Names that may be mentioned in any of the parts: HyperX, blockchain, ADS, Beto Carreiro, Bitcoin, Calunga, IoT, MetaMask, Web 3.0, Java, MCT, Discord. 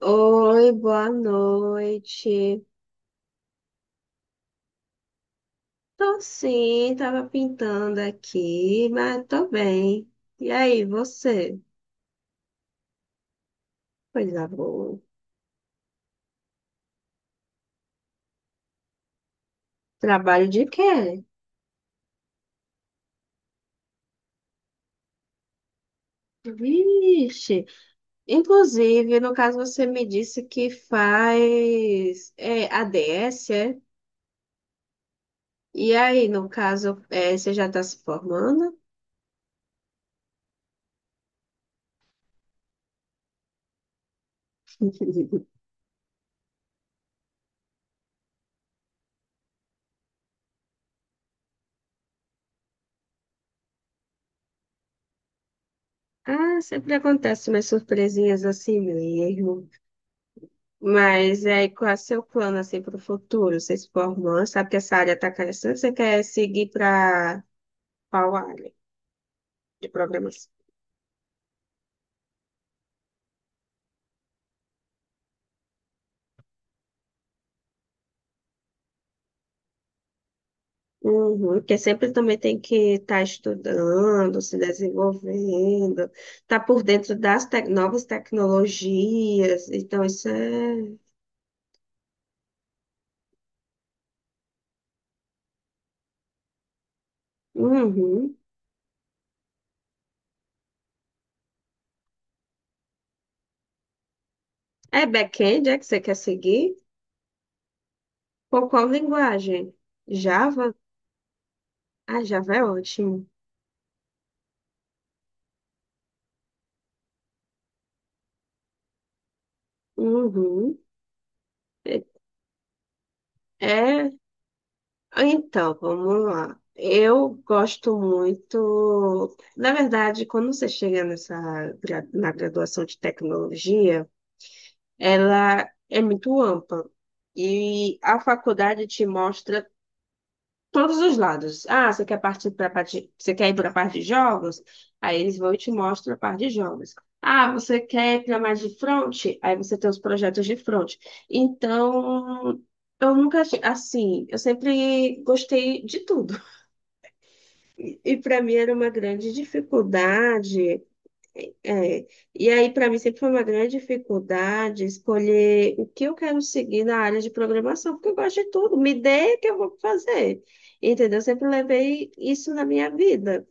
Oi, boa noite. Tô sim, tava pintando aqui, mas tô bem. E aí, você? Coisa boa. Trabalho de quê? Vixe. Inclusive, no caso, você me disse que faz ADS, é? E aí, no caso, você já tá se formando? Ah, sempre acontece umas surpresinhas assim mesmo. Mas aí, qual é o seu plano assim para o futuro? Você se formando, sabe que essa área está crescendo, você quer seguir para qual área de programação? Uhum, porque sempre também tem que estar estudando, se desenvolvendo, estar por dentro das novas tecnologias. Então, isso é. Uhum. É back-end, é que você quer seguir? Por qual linguagem? Java? Ah, Java é ótimo. Uhum. É, é Então, vamos lá. Eu gosto muito. Na verdade, quando você chega nessa, na graduação de tecnologia, ela é muito ampla. E a faculdade te mostra todos os lados. Ah, você quer partir para parte, você quer ir para a parte de jogos? Aí eles vão e te mostram a parte de jogos. Ah, você quer ir para mais de front? Aí você tem os projetos de front. Então, eu nunca, assim, eu sempre gostei de tudo. E para mim era uma grande dificuldade, é, e aí para mim sempre foi uma grande dificuldade escolher o que eu quero seguir na área de programação, porque eu gosto de tudo, me dê que eu vou fazer, entendeu? Eu sempre levei isso na minha vida.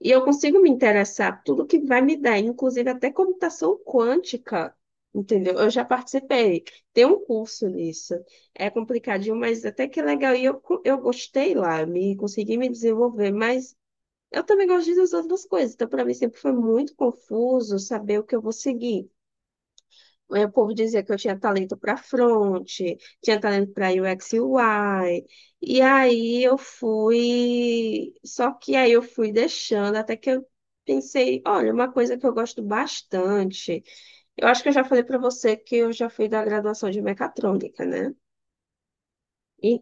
E eu consigo me interessar por tudo que vai me dar, inclusive até computação quântica, entendeu? Eu já participei, tem um curso nisso. É complicadinho, mas até que é legal. E eu gostei lá, me consegui me desenvolver, mas eu também gosto das outras coisas, então para mim sempre foi muito confuso saber o que eu vou seguir. Aí o povo dizia que eu tinha talento para front, tinha talento para UX e UI. E aí eu fui, só que aí eu fui deixando até que eu pensei, olha, uma coisa que eu gosto bastante. Eu acho que eu já falei para você que eu já fui da graduação de mecatrônica, né? E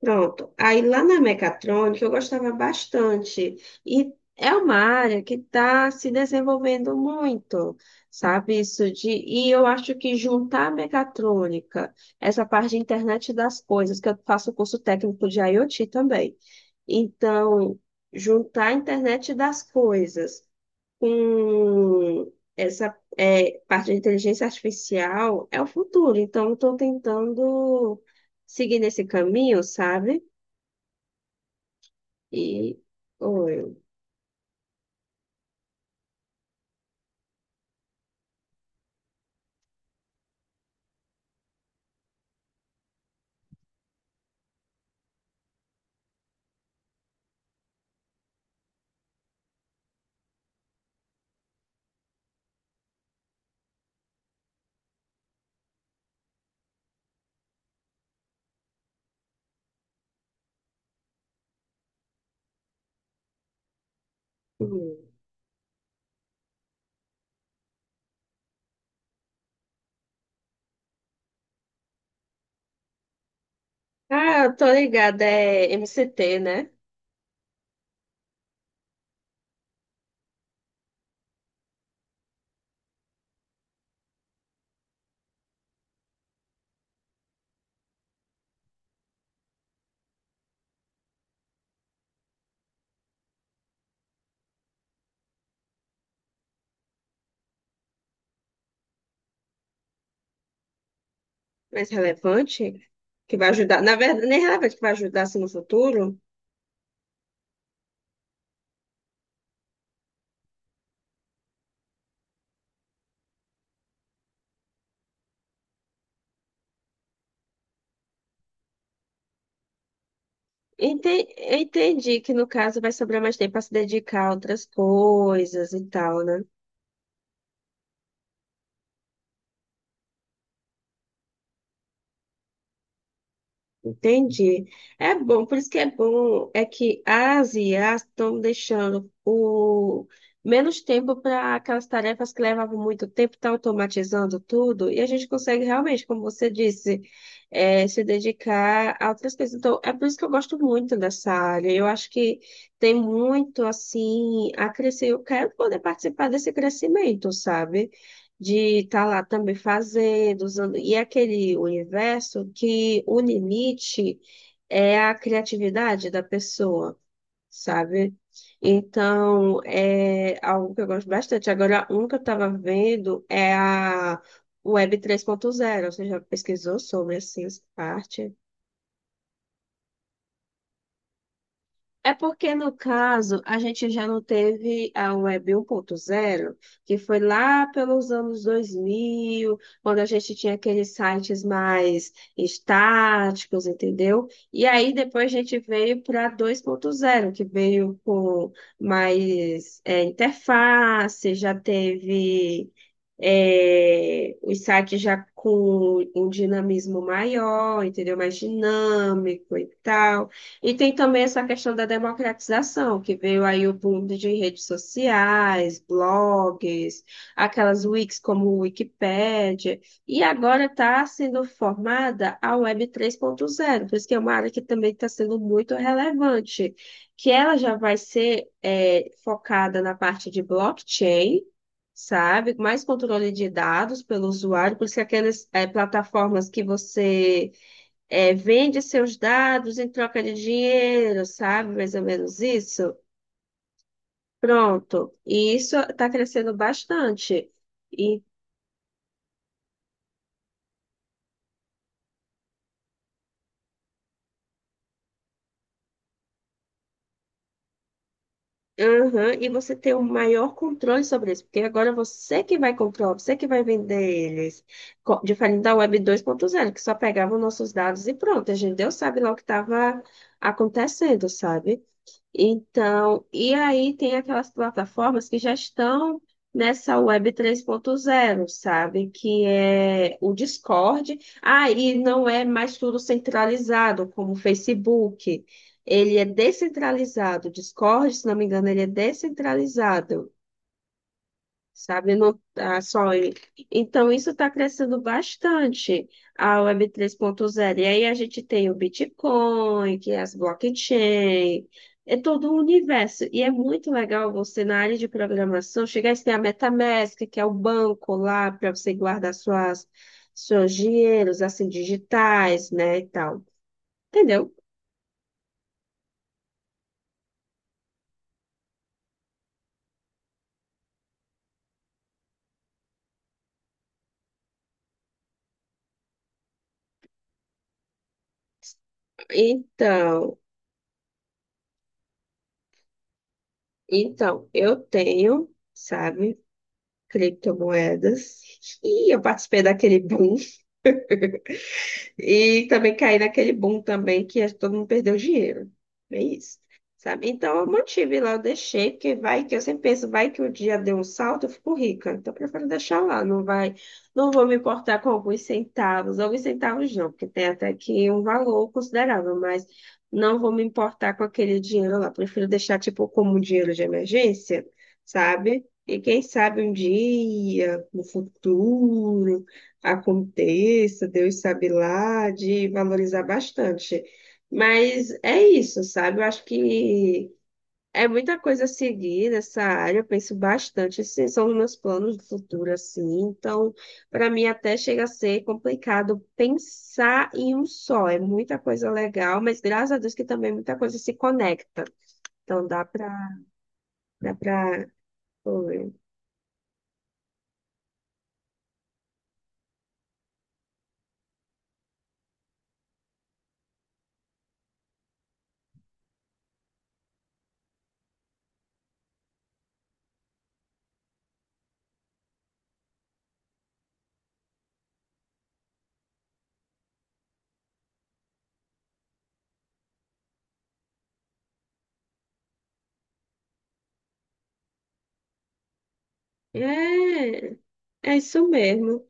pronto. Aí lá na mecatrônica eu gostava bastante. E é uma área que está se desenvolvendo muito, sabe? Isso de. E eu acho que juntar a mecatrônica, essa parte de internet das coisas, que eu faço curso técnico de IoT também. Então, juntar a internet das coisas com essa parte de inteligência artificial é o futuro. Então, eu estou tentando seguir nesse caminho, sabe? E. Oi. Hum. Ah, eu tô ligada, é MCT, né? Mais relevante, que vai ajudar. Na verdade, nem relevante, que vai ajudar assim, no futuro. Eu entendi que no caso vai sobrar mais tempo para se dedicar a outras coisas e tal, né? Entendi. É bom, por isso que é bom, é que as IAs estão deixando o menos tempo para aquelas tarefas que levavam muito tempo, está automatizando tudo, e a gente consegue realmente, como você disse, se dedicar a outras coisas. Então, é por isso que eu gosto muito dessa área. Eu acho que tem muito assim a crescer. Eu quero poder participar desse crescimento, sabe? De estar lá também fazendo, usando. E é aquele universo que o limite é a criatividade da pessoa, sabe? Então, é algo que eu gosto bastante. Agora, um que eu estava vendo é a Web 3.0. Você já pesquisou sobre essa parte? É porque, no caso, a gente já não teve a Web 1.0, que foi lá pelos anos 2000, quando a gente tinha aqueles sites mais estáticos, entendeu? E aí depois a gente veio para 2.0, que veio com mais interface, já teve os sites já com um dinamismo maior, entendeu? Mais dinâmico e tal. E tem também essa questão da democratização, que veio aí o boom de redes sociais, blogs, aquelas wikis como o Wikipédia, e agora está sendo formada a Web 3.0, por isso que é uma área que também está sendo muito relevante, que ela já vai ser focada na parte de blockchain, sabe? Mais controle de dados pelo usuário, por isso que aquelas plataformas que você vende seus dados em troca de dinheiro, sabe? Mais ou menos isso. Pronto. E isso está crescendo bastante. E, aham, e você tem um maior controle sobre isso, porque agora você que vai comprar, você que vai vender eles. Diferente da Web 2.0, que só pegava os nossos dados e pronto. A gente Deus sabe lá o que estava acontecendo, sabe? Então, e aí tem aquelas plataformas que já estão nessa web 3.0, sabe? Que é o Discord. Aí não é mais tudo centralizado, como o Facebook. Ele é descentralizado. O Discord, se não me engano, ele é descentralizado, sabe? Não tá só ele. Então, isso está crescendo bastante, a Web 3.0. E aí a gente tem o Bitcoin, que é as blockchain, é todo o universo. E é muito legal você, na área de programação, chegar e ter a MetaMask, que é o banco lá para você guardar suas, seus dinheiros, assim, digitais, né, e tal. Entendeu? Então, então, eu tenho, sabe, criptomoedas. E eu participei daquele boom. E também caí naquele boom também que todo mundo perdeu dinheiro. É isso, sabe? Então eu mantive lá, eu deixei, porque vai que eu sempre penso, vai que o dia deu um salto, eu fico rica. Então eu prefiro deixar lá, não vou me importar com alguns centavos não, porque tem até que um valor considerável, mas não vou me importar com aquele dinheiro lá. Prefiro deixar tipo como um dinheiro de emergência, sabe? E quem sabe um dia, no futuro aconteça, Deus sabe lá, de valorizar bastante. Mas é isso, sabe? Eu acho que é muita coisa a seguir nessa área, eu penso bastante. Esses são os meus planos de futuro, assim. Então, para mim, até chega a ser complicado pensar em um só. É muita coisa legal, mas graças a Deus que também muita coisa se conecta. Então, dá para. Dá para Oi. É, é isso mesmo.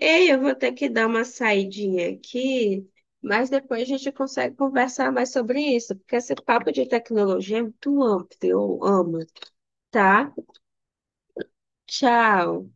Ei, eu vou ter que dar uma saidinha aqui, mas depois a gente consegue conversar mais sobre isso, porque esse papo de tecnologia é muito amplo, eu amo, tá? Tchau.